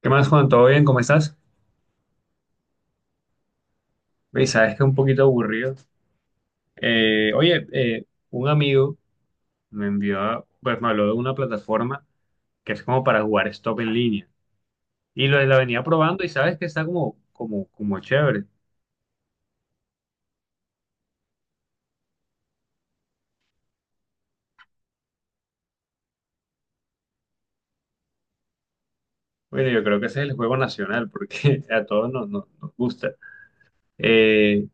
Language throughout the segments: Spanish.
¿Qué más, Juan? ¿Todo bien? ¿Cómo estás? Oye, sabes que es un poquito aburrido. Oye, un amigo me envió, pues me habló de una plataforma que es como para jugar stop en línea. Y la venía probando y sabes que está como chévere. Bueno, yo creo que ese es el juego nacional porque a todos nos gusta. Eh,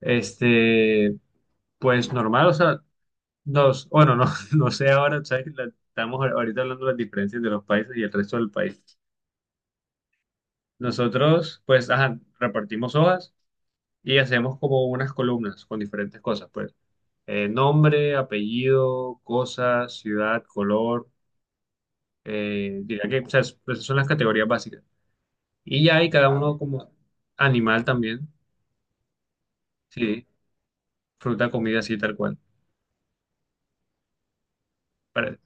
este, pues normal, o sea, dos, bueno, no, no sé ahora, ¿sabes? Estamos ahorita hablando de las diferencias de los países y el resto del país. Nosotros, pues, ajá, repartimos hojas y hacemos como unas columnas con diferentes cosas, pues. Nombre, apellido, cosa, ciudad, color, diría que, o sea, pues, son las categorías básicas. Y ya hay cada ah, uno como animal también, sí, fruta, comida, así tal cual. Pare-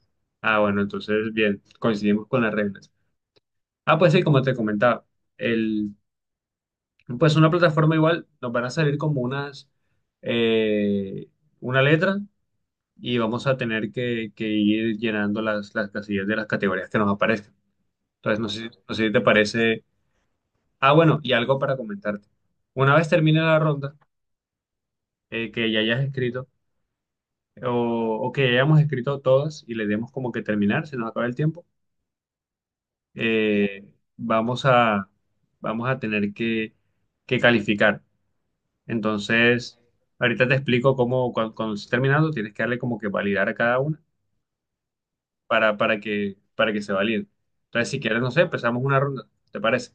Ah, bueno, entonces, bien, coincidimos con las reglas. Ah, pues sí, como te comentaba, el, pues una plataforma igual nos van a salir como unas, eh, una letra. Y vamos a tener que ir llenando las casillas de las categorías que nos aparezcan. Entonces, no sé si te parece. Ah, bueno, y algo para comentarte. Una vez termine la ronda, que ya hayas escrito o que hayamos escrito todas y le demos como que terminar, se nos acaba el tiempo, eh, vamos a, vamos a tener que calificar. Entonces, ahorita te explico cómo, cuando estés terminando, tienes que darle como que validar a cada una para que se valide. Entonces, si quieres, no sé, empezamos una ronda, ¿te parece?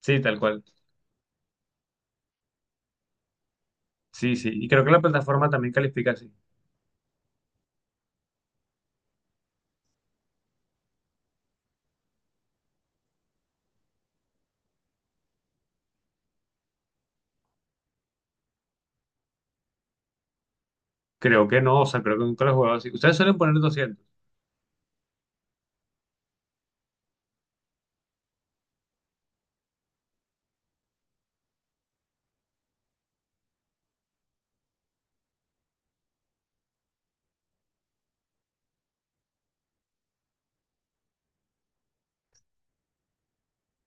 Sí, tal cual. Sí, sí. Y creo que la plataforma también califica así. Creo que no, o sea, creo que nunca lo he jugado así. Ustedes suelen poner 200.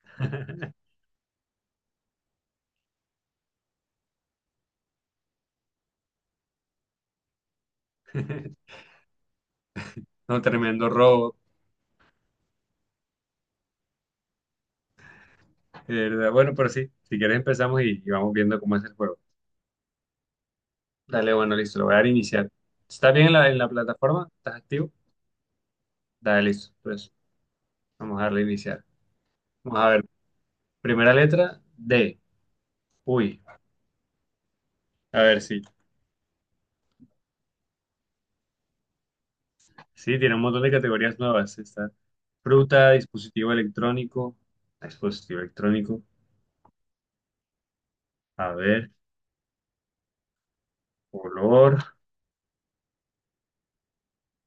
No, tremendo robo, de verdad. Bueno, pero sí, si quieres empezamos y vamos viendo cómo es el juego. Dale, bueno, listo, lo voy a dar a iniciar. ¿Estás bien en en la plataforma? ¿Estás activo? Dale, listo. Entonces, vamos a darle a iniciar. Vamos a ver. Primera letra, D. Uy, a ver si. Sí, tiene un montón de categorías nuevas. Está fruta, dispositivo electrónico, a ver, color,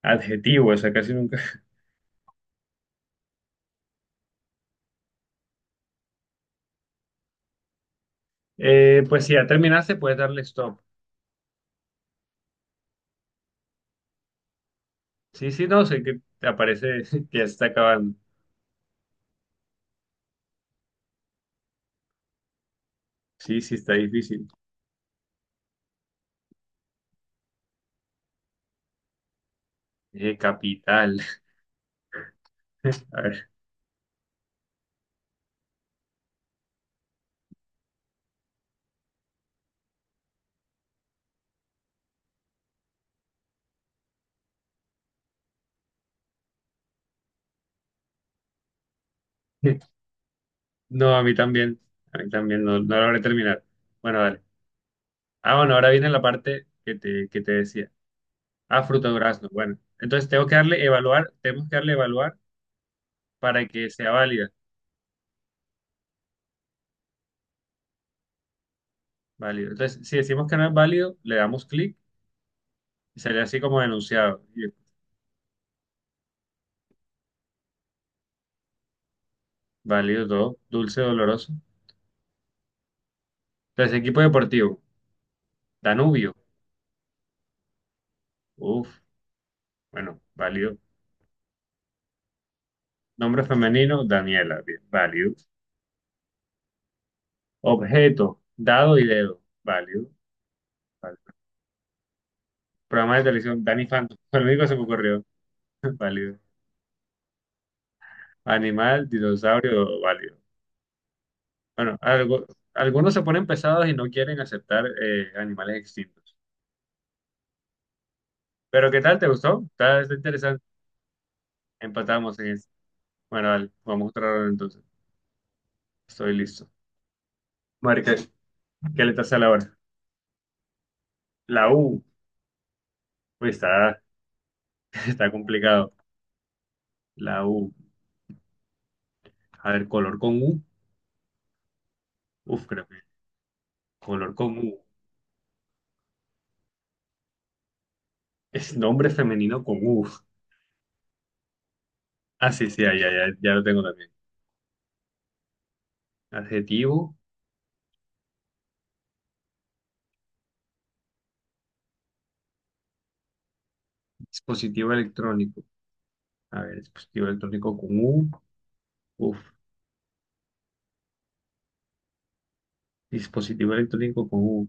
adjetivo, esa casi nunca. Pues si ya terminaste, puedes darle stop. Sí, sí, no, sé que te aparece que ya está acabando. Sí, sí, está difícil. Capital. A ver. No, a mí también. A mí también, no, no logré terminar. Bueno, dale. Ah, bueno, ahora viene la parte que te decía. Ah, fruta durazno. Bueno, entonces tengo que darle evaluar, tenemos que darle evaluar. Para que sea válida, válido. Entonces, si decimos que no es válido, le damos clic y sale así como denunciado. Y válido todo, dulce, doloroso. Entonces, equipo deportivo, Danubio. Uf, bueno, válido. Nombre femenino, Daniela, bien, válido. Objeto, dado y dedo, válido. Válido. Programa de televisión, Danny Phantom, lo único que se me ocurrió, válido. Animal, dinosaurio, válido. Bueno, algo, algunos se ponen pesados y no quieren aceptar animales extintos. Pero ¿qué tal? ¿Te gustó? Está, está interesante. Empatamos en eso. Bueno, vale, vamos a otra ronda entonces. Estoy listo. Marica, ¿qué letra sale ahora? La U. Uy, está, está complicado. La U. A ver, color con U. Uf, creo que. Color con U. Es nombre femenino con U. Ah, sí, sí, ya, ya, ya, ya lo tengo también. Adjetivo, dispositivo electrónico. A ver, dispositivo electrónico con U. Uf, dispositivo electrónico con U.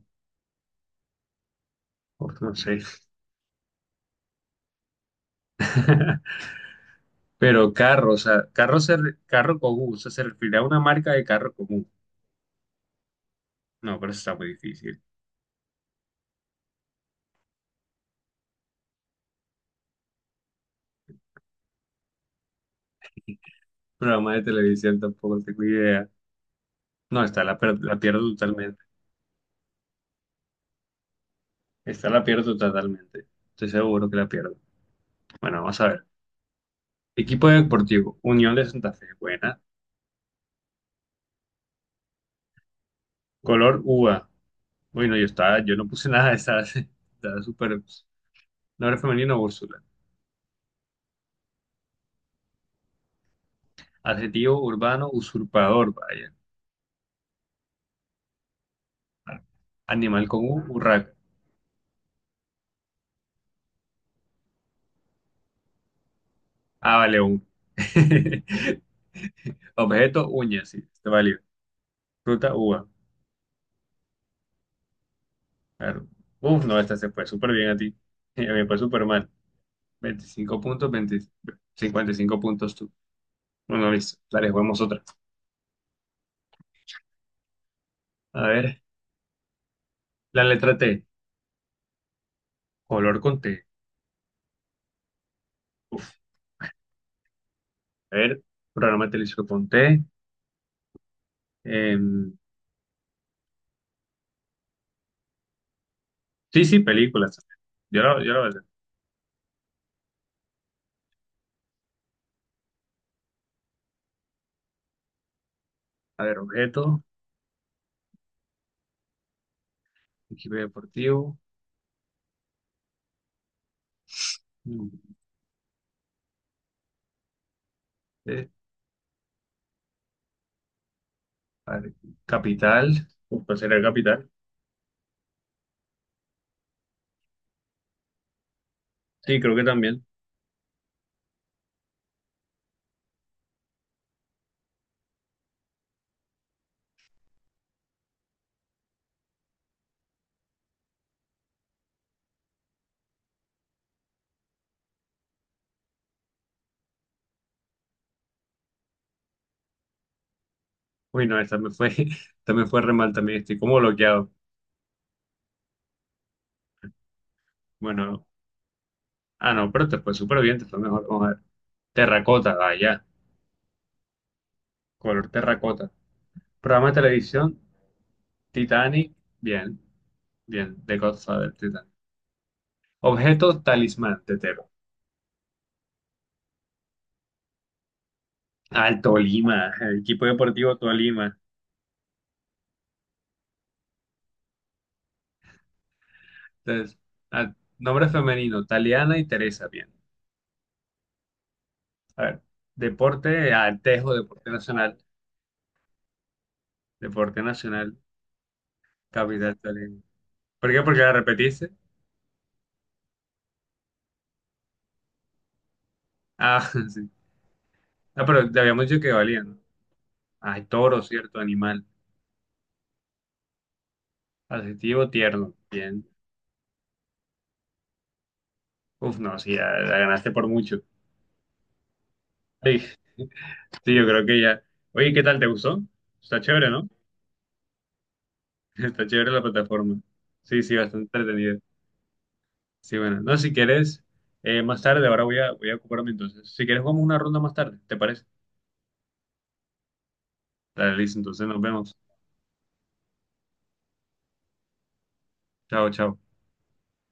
Uf, no sé. Pero carro, o sea, carro, carro con U. O sea, se refiere a una marca de carro común. No, pero eso está muy difícil. Programa de televisión tampoco tengo idea. No, está la pierdo totalmente. Está la pierdo totalmente. Estoy seguro que la pierdo. Bueno, vamos a ver. Equipo deportivo, Unión de Santa Fe, buena. Color uva. Bueno, yo estaba, yo no puse nada de esa. Estaba súper. Nombre femenino, Úrsula. Adjetivo urbano, usurpador, vaya. Animal con U, urraca. Ah, vale, un. Objeto, uña, sí, está válido. Fruta, uva. Claro. Uf, no, esta se fue súper bien a ti. A mí me fue súper mal. 25 puntos, 20, 55 puntos tú. Bueno, listo. Dale, juguemos otra. A ver, la letra T. Color con T. Uf. A ver, programa televisivo con T. Em, sí, sí, películas. Yo lo voy a hacer. A ver, objeto, equipo deportivo. Mm, eh, a ver, capital. Uf, ¿cuál será el capital? Sí, creo que también. Uy, no, esta me fue, esta me fue re mal también. Estoy como bloqueado. Bueno, ah, no, pero te fue súper bien, te fue mejor. Vamos a ver. Terracota, vaya. Color terracota. Programa de televisión, Titanic. Bien, bien. The Godfather, Titanic. Objeto, talismán, tetero. Al Tolima, el equipo deportivo Tolima. Entonces, ah, nombre femenino, Taliana y Teresa, bien. A ver, deporte, Altejo, deporte nacional. Deporte nacional, capital Tolima. ¿Por qué? Porque la repetiste. Ah, sí. Ah, pero te habíamos dicho que valía, ¿no? Ay, toro, cierto, animal. Adjetivo tierno. Bien. Uf, no, sí, ya la ganaste por mucho. Sí, sí, yo creo que ya. Oye, ¿qué tal? ¿Te gustó? Está chévere, ¿no? Está chévere la plataforma. Sí, sí, bastante entretenida. Sí, bueno. No, si quieres, más tarde, ahora voy a, voy a ocuparme entonces. Si quieres, vamos una ronda más tarde, ¿te parece? Dale, listo, entonces nos vemos. Chao, chao.